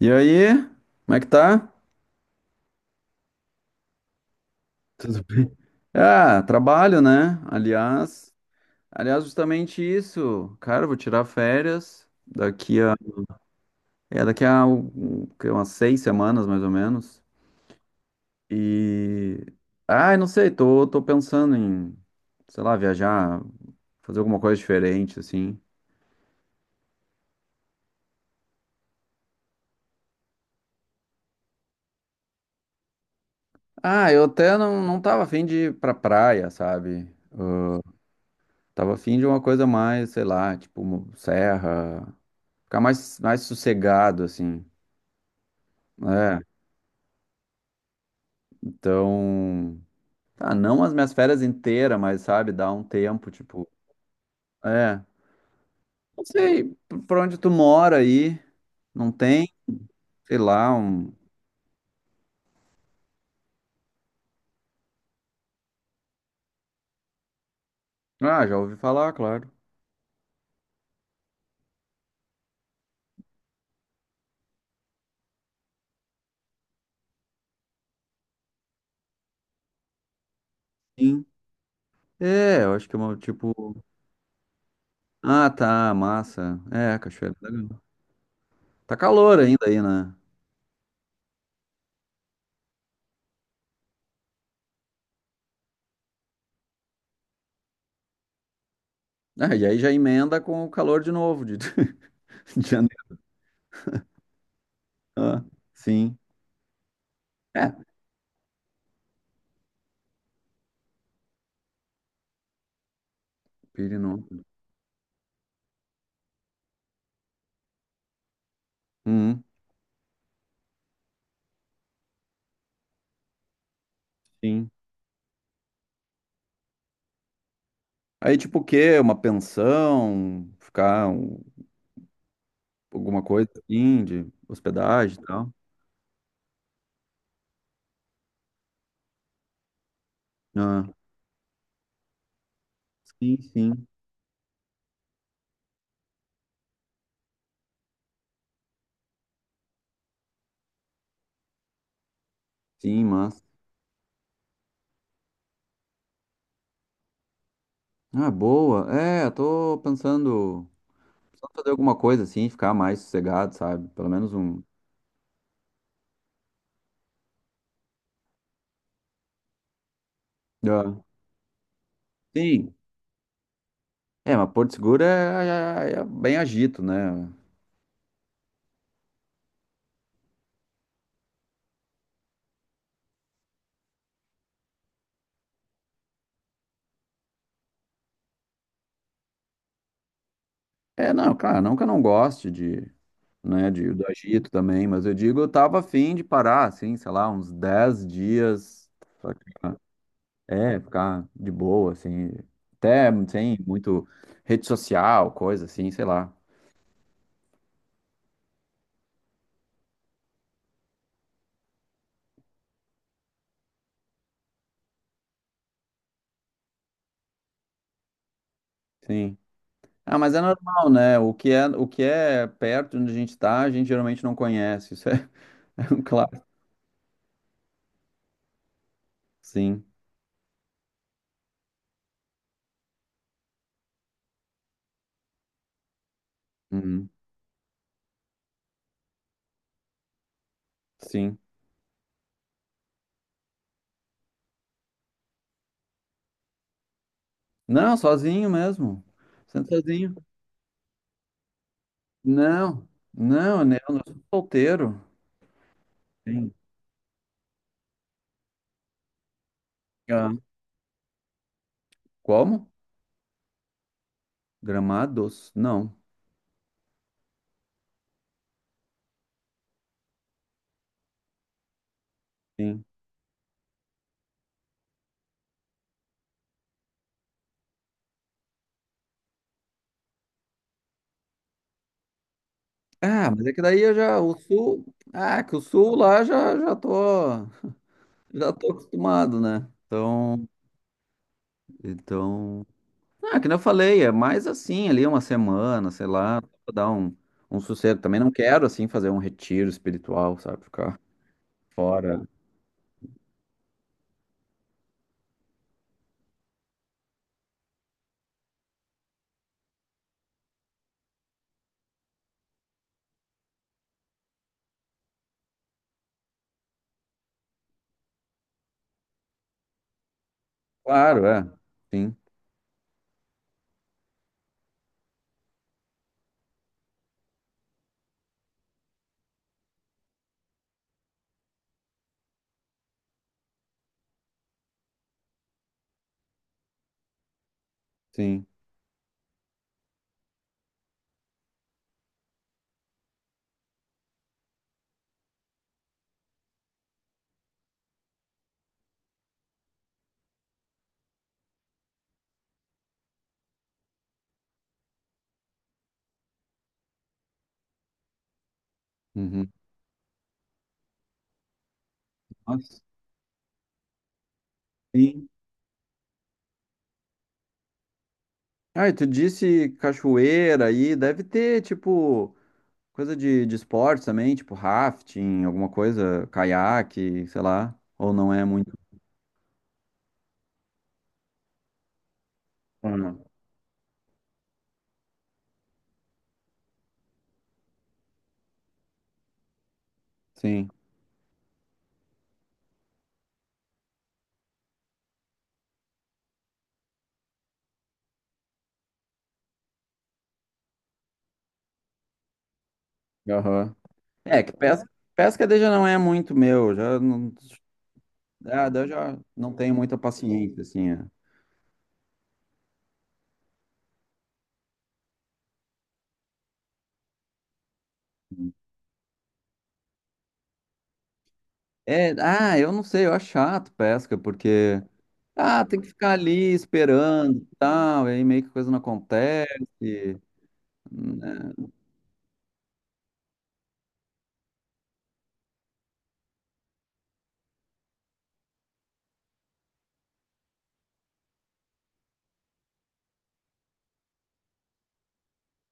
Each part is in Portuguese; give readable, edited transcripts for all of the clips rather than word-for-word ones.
E aí, como é que tá? Tudo bem? Ah, trabalho, né? Aliás, justamente isso. Cara, eu vou tirar férias daqui a umas seis semanas, mais ou menos. E, ah, eu não sei, tô pensando em, sei lá, viajar, fazer alguma coisa diferente, assim. Ah, eu até não tava afim de ir pra praia, sabe? Tava afim de uma coisa mais, sei lá, tipo, serra, ficar mais sossegado, assim. É, então. Ah, não as minhas férias inteiras, mas sabe, dá um tempo, tipo. É. Não sei por onde tu mora aí. Não tem, sei lá, um. Ah, já ouvi falar, claro. Sim. É, eu acho que é uma, tipo. Ah, tá, massa. É, cachoeira, tá. Tá calor ainda aí, né? Ah, e aí já emenda com o calor de novo, de, de janeiro. Ah, sim. É, Pirinópolis. Uhum, sim. Aí, tipo, o quê? Uma pensão? Ficar, um- alguma coisa assim, de hospedagem e tal. Ah, sim, sim. Sim, mas. Ah, boa. É, eu tô pensando só fazer alguma coisa assim, ficar mais sossegado, sabe? Pelo menos um. Ah, sim. É, mas Porto Seguro é, é é bem agito, né? É, não, claro, não que eu não goste de, né, de, do agito também, mas eu digo, eu tava afim de parar, assim, sei lá, uns 10 dias. Saca? É, ficar de boa, assim. Até sem muito rede social, coisa assim, sei lá. Sim. Ah, mas é normal, né? O que é perto de onde a gente tá, a gente geralmente não conhece. Isso é, é um clássico. Sim. Uhum. Sim. Não, sozinho mesmo. Sendo sozinho. Não, não, né? Eu não sou solteiro. Sim. Ah, como? Gramados? Não. Sim. Ah, mas é que daí eu já, o sul, ah, que o sul lá já, já tô. Já tô acostumado, né? Então, então. Ah, que nem eu falei, é mais assim, ali uma semana, sei lá, pra dar um, um sossego. Também não quero, assim, fazer um retiro espiritual, sabe? Ficar fora. Claro, é. Sim, sim. Uhum. Nossa, sim. Ah, e tu disse cachoeira aí, deve ter, tipo, coisa de esporte também, tipo rafting, alguma coisa, caiaque, sei lá. Ou não é muito. Ah, não. Sim. Aham. É, que pesca daí já não é muito meu, já não, ah, daí eu já não tenho muita paciência, assim. É, é, ah, eu não sei, eu acho chato pesca, porque, ah, tem que ficar ali esperando e tal, e aí meio que coisa não acontece, né?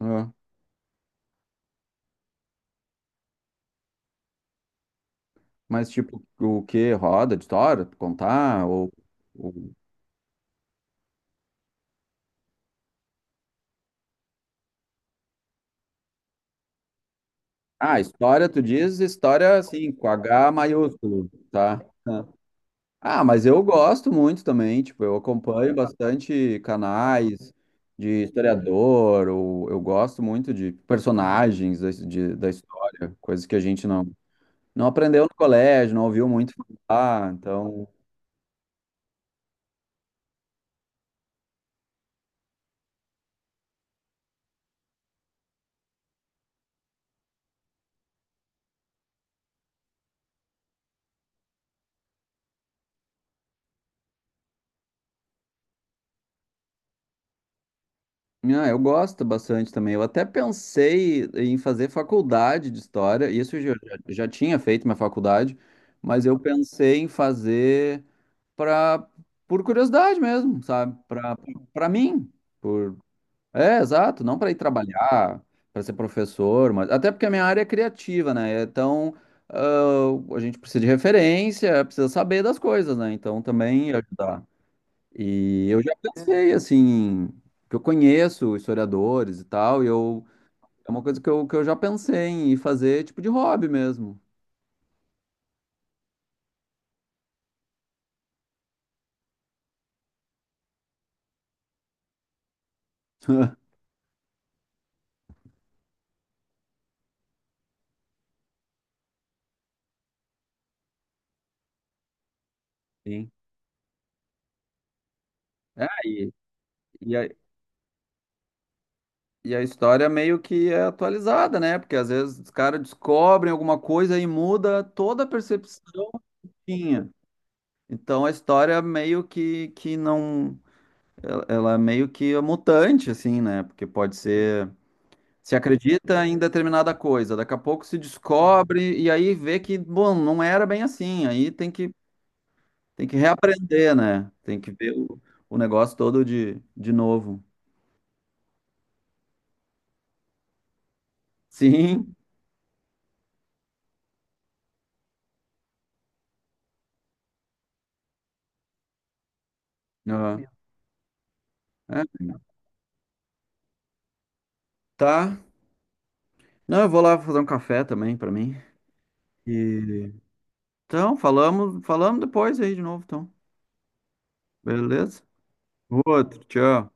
Ah, mas, tipo, o que? Roda de história, tu contar, ou... Ah, história, tu diz história, assim, com H maiúsculo, tá? Ah, mas eu gosto muito também, tipo, eu acompanho bastante canais de historiador, ou eu gosto muito de personagens da, de- da história, coisas que a gente não, não aprendeu no colégio, não ouviu muito falar, então... Ah, eu gosto bastante também. Eu até pensei em fazer faculdade de história, isso eu já, já tinha feito minha faculdade, mas eu pensei em fazer para por curiosidade mesmo, sabe? Para para mim. Por, é, exato, não para ir trabalhar, para ser professor, mas até porque a minha área é criativa, né? Então, ah, a gente precisa de referência, precisa saber das coisas, né? Então, também ajudar. E eu já pensei, assim, que eu conheço historiadores e tal, e eu é uma coisa que eu já pensei em fazer, tipo de hobby mesmo. Sim. É, e a, e a história meio que é atualizada, né? Porque às vezes os caras descobrem alguma coisa e muda toda a percepção que tinha. Então a história é meio que não. Ela é meio que é mutante, assim, né? Porque pode ser. Se acredita em determinada coisa, daqui a pouco se descobre e aí vê que, bom, não era bem assim. Aí tem que reaprender, né? Tem que ver o negócio todo de novo. Sim. Aham. É, tá. Não, eu vou lá fazer um café também pra mim. E, então, falamos, falamos depois aí de novo, então. Beleza? Outro, tchau.